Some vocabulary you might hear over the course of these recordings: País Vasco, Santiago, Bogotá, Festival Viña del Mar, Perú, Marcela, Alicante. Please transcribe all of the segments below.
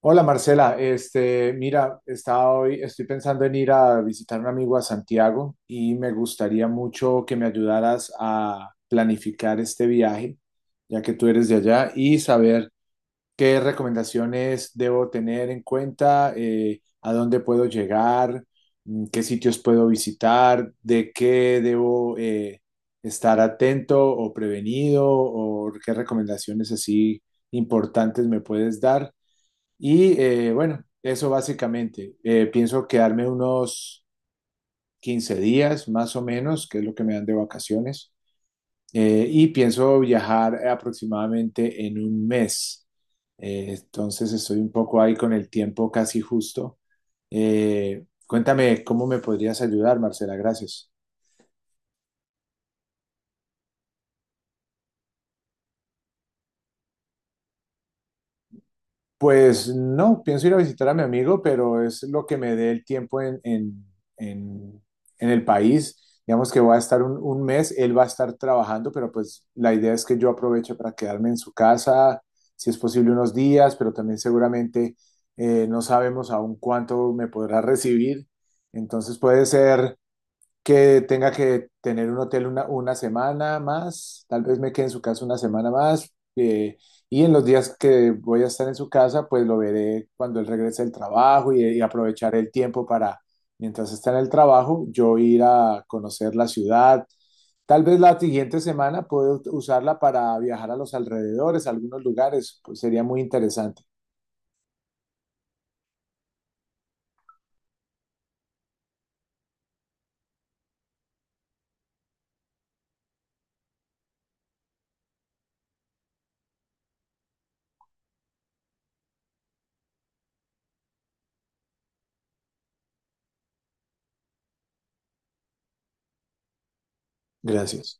Hola Marcela, mira, estoy pensando en ir a visitar a un amigo a Santiago y me gustaría mucho que me ayudaras a planificar este viaje, ya que tú eres de allá, y saber qué recomendaciones debo tener en cuenta, a dónde puedo llegar, qué sitios puedo visitar, de qué debo estar atento o prevenido, o qué recomendaciones así importantes me puedes dar y bueno, eso básicamente. Pienso quedarme unos 15 días más o menos, que es lo que me dan de vacaciones. Y pienso viajar aproximadamente en un mes. Entonces estoy un poco ahí con el tiempo casi justo. Cuéntame cómo me podrías ayudar, Marcela. Gracias. Pues no, pienso ir a visitar a mi amigo, pero es lo que me dé el tiempo en- en el país. Digamos que voy a estar un mes, él va a estar trabajando, pero pues la idea es que yo aproveche para quedarme en su casa, si es posible unos días, pero también seguramente no sabemos aún cuánto me podrá recibir. Entonces puede ser que tenga que tener un hotel una semana más, tal vez me quede en su casa una semana más, y en los días que voy a estar en su casa, pues lo veré cuando él regrese del trabajo y aprovechar el tiempo para, mientras está en el trabajo, yo ir a conocer la ciudad. Tal vez la siguiente semana puedo usarla para viajar a los alrededores, a algunos lugares, pues sería muy interesante. Gracias.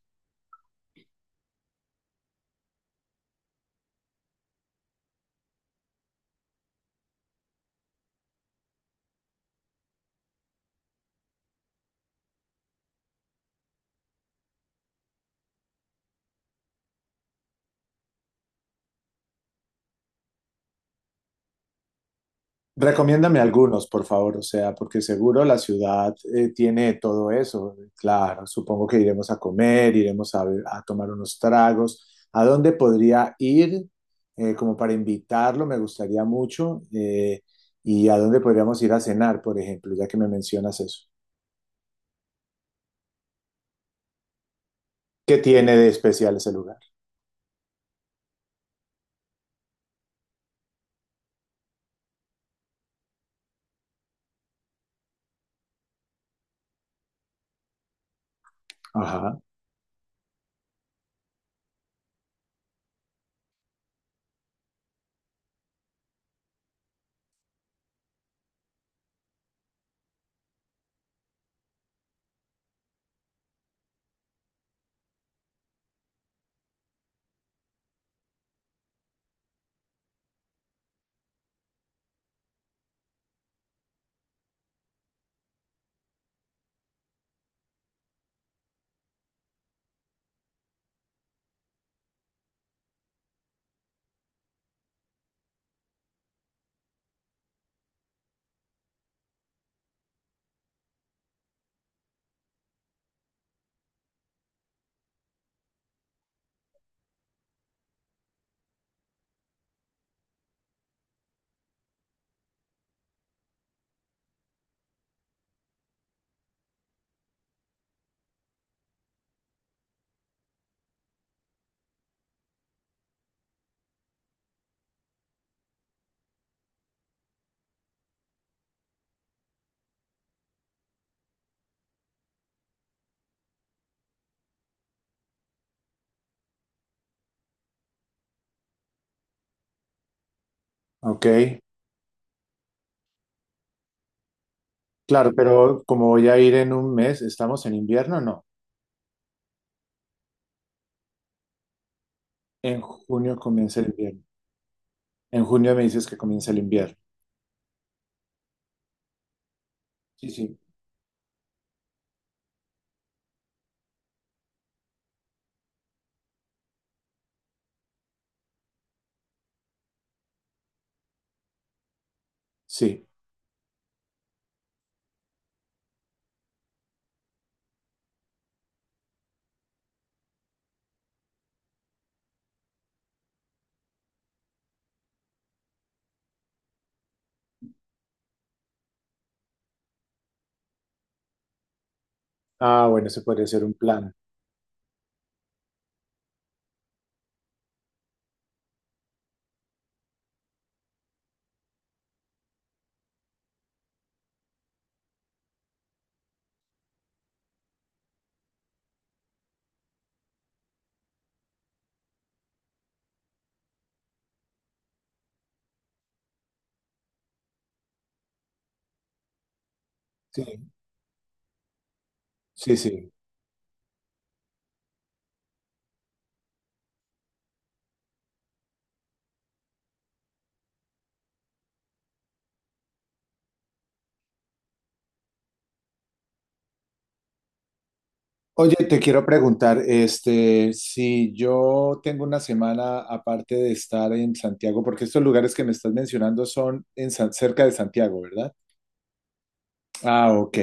Recomiéndame algunos, por favor, o sea, porque seguro la ciudad tiene todo eso. Claro, supongo que iremos a comer, iremos a tomar unos tragos. ¿A dónde podría ir? Como para invitarlo, me gustaría mucho. ¿Y a dónde podríamos ir a cenar, por ejemplo, ya que me mencionas eso? ¿Qué tiene de especial ese lugar? Ajá, ok. Claro, pero como voy a ir en un mes, ¿estamos en invierno? O no. En junio comienza el invierno. En junio me dices que comienza el invierno. Sí, sí. Sí. Ah, bueno, ese podría ser un plan. Sí, sí, sí. Oye, te quiero preguntar, si yo tengo una semana aparte de estar en Santiago, porque estos lugares que me estás mencionando son en San- cerca de Santiago, ¿verdad? Ah, ok.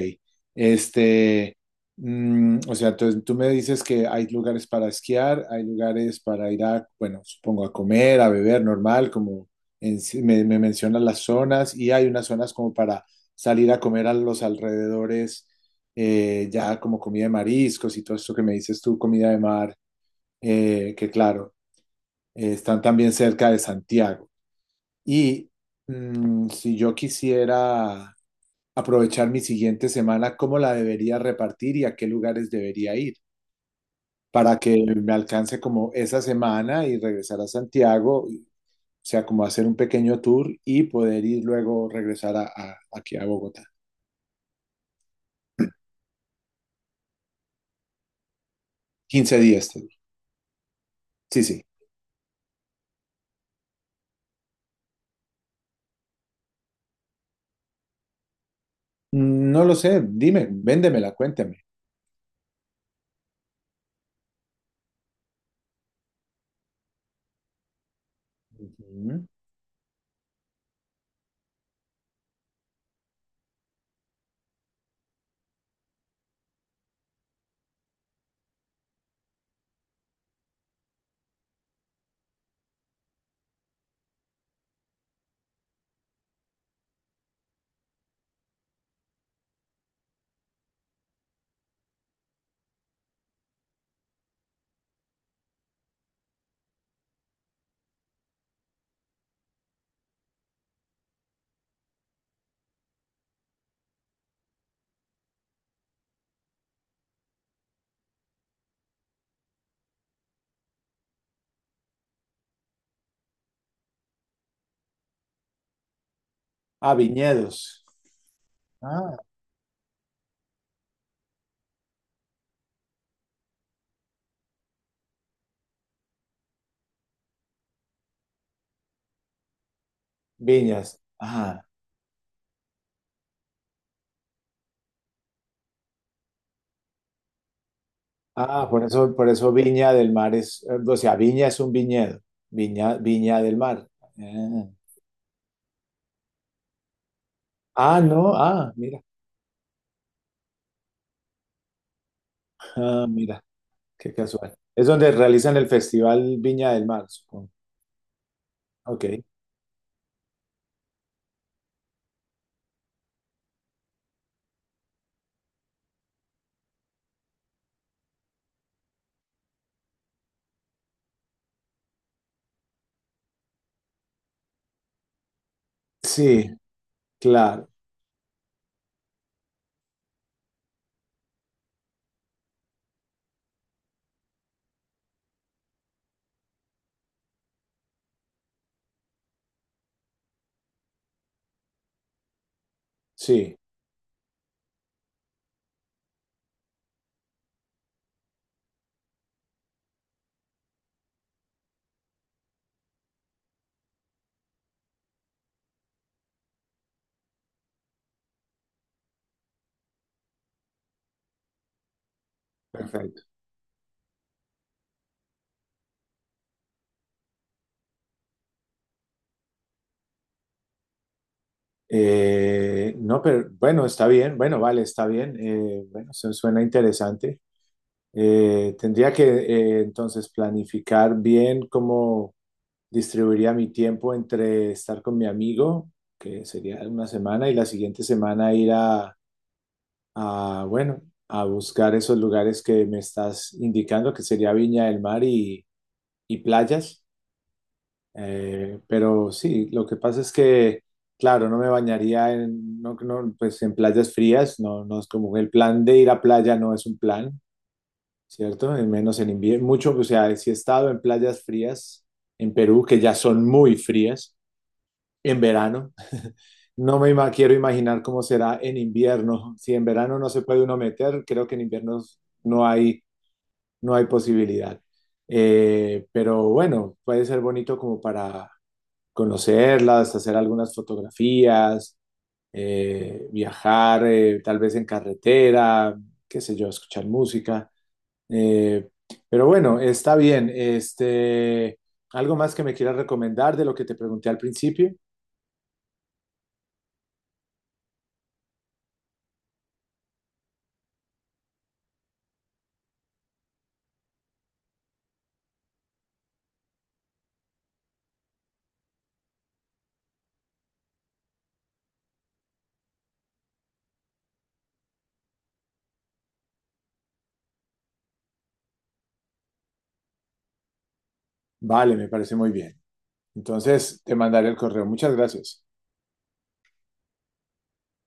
Este, o sea, entonces tú me dices que hay lugares para esquiar, hay lugares para ir a, bueno, supongo a comer, a beber, normal, como me mencionas las zonas, y hay unas zonas como para salir a comer a los alrededores, ya como comida de mariscos y todo esto que me dices tú, comida de mar, que claro, están también cerca de Santiago. Y si yo quisiera aprovechar mi siguiente semana, cómo la debería repartir y a qué lugares debería ir para que me alcance como esa semana y regresar a Santiago, o sea, como hacer un pequeño tour y poder ir luego regresar aquí a Bogotá. 15 días, te digo. Sí, sí. Mm, no lo sé, dime, véndemela, cuéntame. Ujú. Ah, viñedos. Ah, viñas. Ajá. Ah, por eso Viña del Mar es, o sea, Viña es un viñedo. Viña, Viña del Mar. Ah. Ah, no, ah, mira, qué casual. Es donde realizan el Festival Viña del Mar, supongo. Ok, sí, claro, sí, perfecto. No, pero bueno, está bien, bueno, vale, está bien. Bueno, eso suena interesante. Tendría que entonces planificar bien cómo distribuiría mi tiempo entre estar con mi amigo, que sería una semana, y la siguiente semana ir a, bueno, a buscar esos lugares que me estás indicando, que sería Viña del Mar y playas. Pero sí, lo que pasa es que, claro, no me bañaría no, no, pues en playas frías, no, no es como el plan de ir a playa no es un plan, ¿cierto? Y menos en invierno, mucho, o sea, sí he estado en playas frías en Perú, que ya son muy frías. En verano, no me ima- quiero imaginar cómo será en invierno. Si en verano no se puede uno meter, creo que en invierno no hay no hay posibilidad. Pero bueno, puede ser bonito como para conocerlas, hacer algunas fotografías, viajar tal vez en carretera, qué sé yo, escuchar música. Eh, pero bueno, está bien. ¿Algo más que me quieras recomendar de lo que te pregunté al principio? Vale, me parece muy bien. Entonces, te mandaré el correo. Muchas gracias.